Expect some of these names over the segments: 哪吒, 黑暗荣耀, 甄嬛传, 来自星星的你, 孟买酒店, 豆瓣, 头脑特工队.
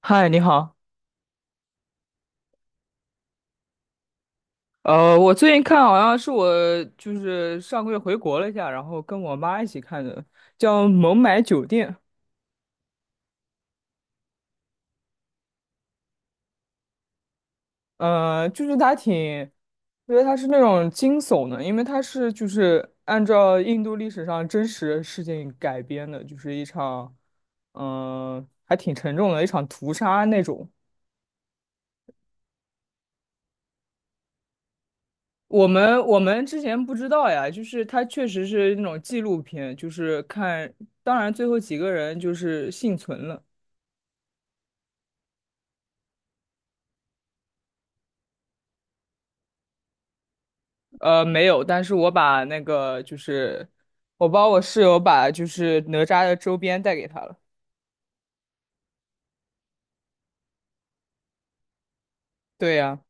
嗨，你好。我最近看好像是我就是上个月回国了一下，然后跟我妈一起看的，叫《孟买酒店》。就是它挺，因为它是那种惊悚的，因为它是就是按照印度历史上真实事件改编的，就是一场，还挺沉重的一场屠杀那种。我们之前不知道呀，就是它确实是那种纪录片，就是看，当然最后几个人就是幸存了。没有，但是我把那个就是，我帮我室友把就是哪吒的周边带给他了。对呀，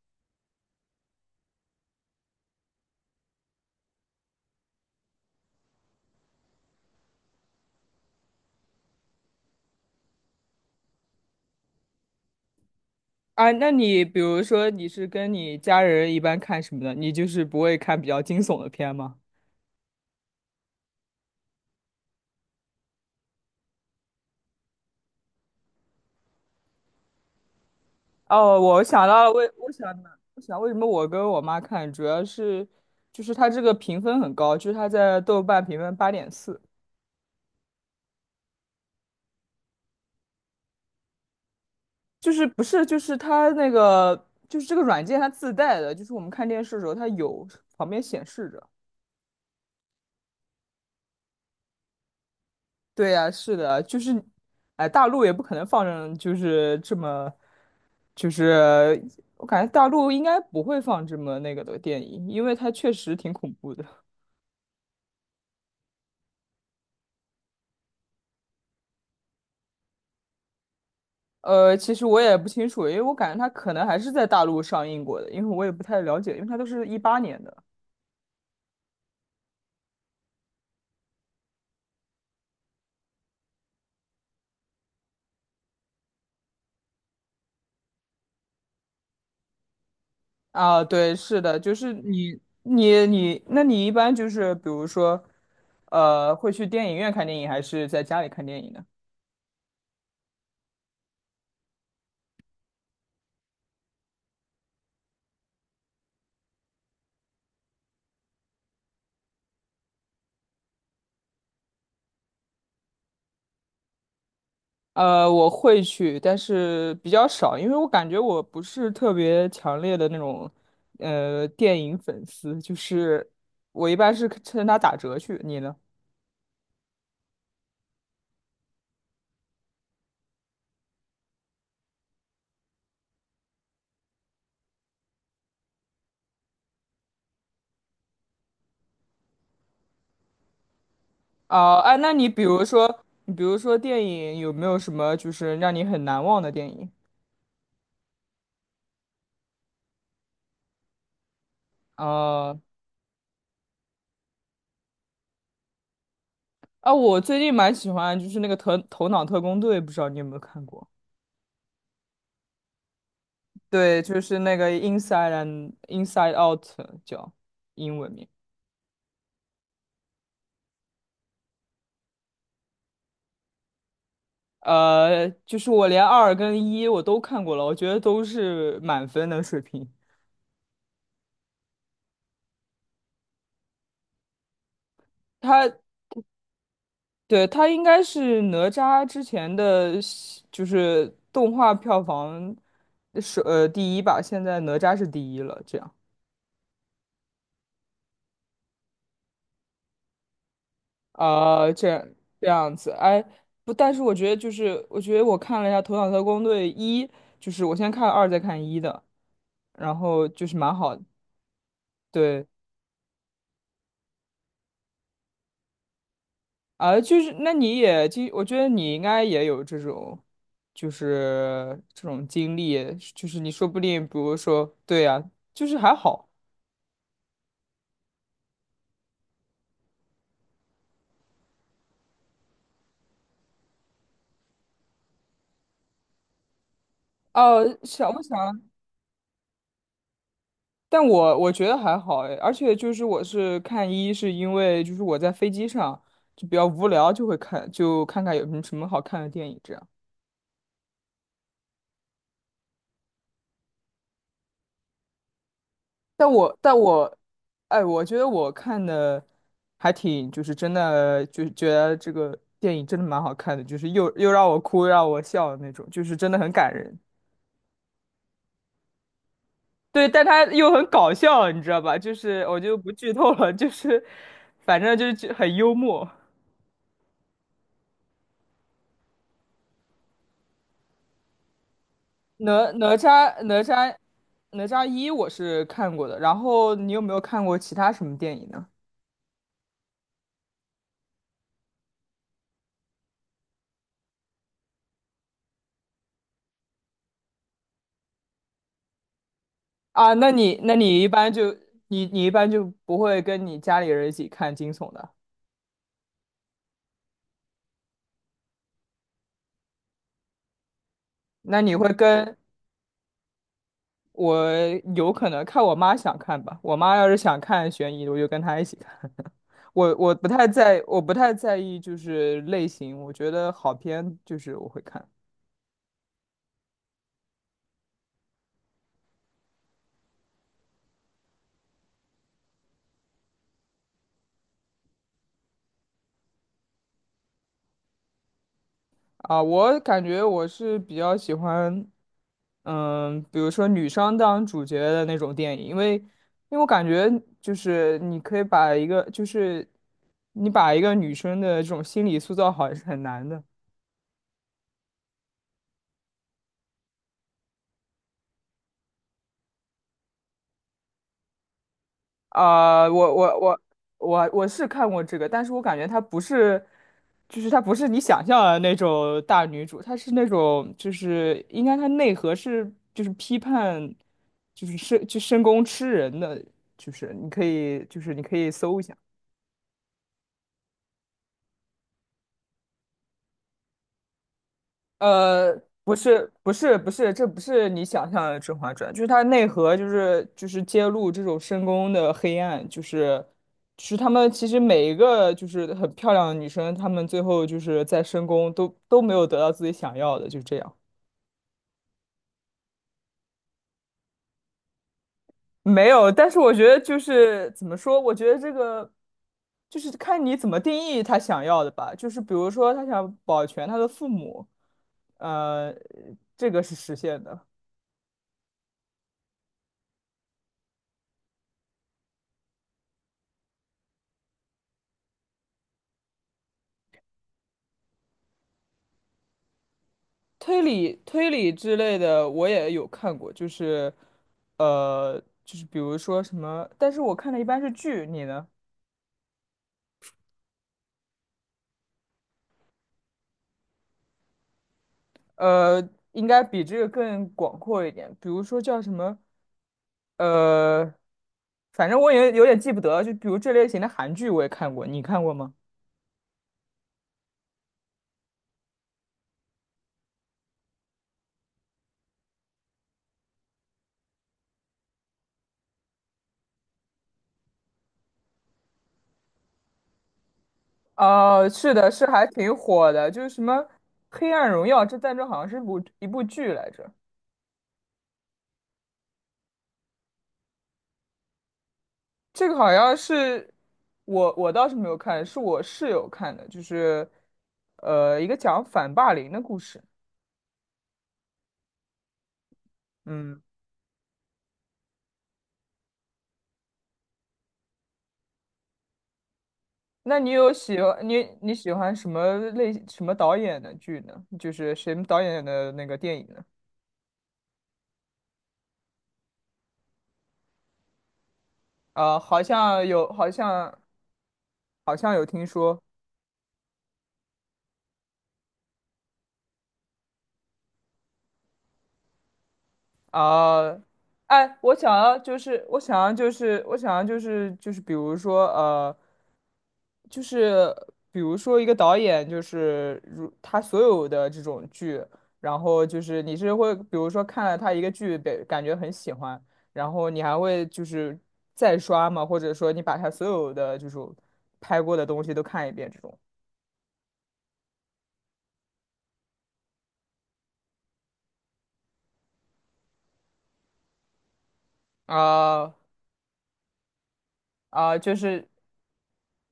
啊，那你比如说你是跟你家人一般看什么的？你就是不会看比较惊悚的片吗？哦，我想到了，为什么我跟我妈看，主要是就是它这个评分很高，就是它在豆瓣评分8.4，就是不是就是它那个就是这个软件它自带的，就是我们看电视的时候它有旁边显示着。对呀，是的，就是，哎，大陆也不可能放上，就是这么，就是我感觉大陆应该不会放这么那个的电影，因为它确实挺恐怖的。其实我也不清楚，因为我感觉它可能还是在大陆上映过的，因为我也不太了解，因为它都是18年的。啊，对，是的，就是你，那你一般就是比如说，会去电影院看电影，还是在家里看电影呢？我会去，但是比较少，因为我感觉我不是特别强烈的那种，电影粉丝，就是我一般是趁它打折去。你呢？啊，哎，那你比如说，电影有没有什么就是让你很难忘的电影？呃，啊，我最近蛮喜欢就是那个《头脑特工队》，不知道你有没有看过？对，就是那个 Inside and Inside Out 叫英文名。就是我连二跟一我都看过了，我觉得都是满分的水平。他，对，他应该是哪吒之前的，就是动画票房是第一吧，现在哪吒是第一了，这样。啊，这样子，哎，不，但是我觉得就是，我觉得我看了一下《头脑特工队一》，就是我先看二再看一的，然后就是蛮好的，对。啊，就是那你也经，就我觉得你应该也有这种，就是这种经历，就是你说不定，比如说，对呀、就是还好。哦、想不想？但我觉得还好哎，而且就是我是看一是因为就是我在飞机上就比较无聊，就会看就看看有什么什么好看的电影这样。但我但我，哎，我觉得我看的还挺，就是真的，就是觉得这个电影真的蛮好看的，就是又让我哭，又让我笑的那种，就是真的很感人。对，但他又很搞笑，你知道吧？就是我就不剧透了，就是反正就是很幽默。哪哪吒哪吒哪吒一我是看过的，然后你有没有看过其他什么电影呢？啊，那你一般就不会跟你家里人一起看惊悚的？那你会跟我有可能看我妈想看吧？我妈要是想看悬疑的，我就跟她一起看。我不太在意就是类型，我觉得好片就是我会看啊。我感觉我是比较喜欢，比如说女生当主角的那种电影，因为我感觉就是你把一个女生的这种心理塑造好也是很难的。啊、我是看过这个，但是我感觉她不是，就是她不是你想象的那种大女主，她是那种就是应该她内核是就是批判，就是深宫吃人的，就是你可以搜一下。呃，不是，不是，不是，这不是你想象的《甄嬛传》，就是它内核就是揭露这种深宫的黑暗，就是他们其实每一个就是很漂亮的女生，她们最后就是在深宫都没有得到自己想要的，就这样。没有，但是我觉得就是怎么说，我觉得这个就是看你怎么定义他想要的吧，就是比如说他想保全他的父母，呃，这个是实现的。推理之类的，我也有看过，就是，就是比如说什么，但是我看的一般是剧，你呢？应该比这个更广阔一点，比如说叫什么，呃，反正我也有点记不得了就比如这类型的韩剧我也看过，你看过吗？哦，是的，是还挺火的，就是什么《黑暗荣耀》，这在这好像是一部剧来着。这个好像是我倒是没有看，是我室友看的，就是一个讲反霸凌的故事。嗯，那你有喜欢你你喜欢什么导演的剧呢？就是谁导演的那个电影呢？啊、好像有，好像有听说。啊，哎，我想要比如说。就是比如说一个导演，就是如他所有的这种剧，然后就是你是会，比如说看了他一个剧，被感觉很喜欢，然后你还会就是再刷吗？或者说你把他所有的就是拍过的东西都看一遍这种？啊啊，就是。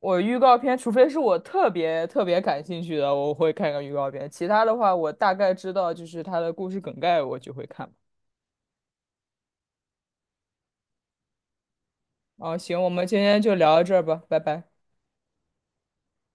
我预告片，除非是我特别特别感兴趣的，我会看个预告片。其他的话，我大概知道就是它的故事梗概，我就会看吧。哦，行，我们今天就聊到这儿吧，拜拜。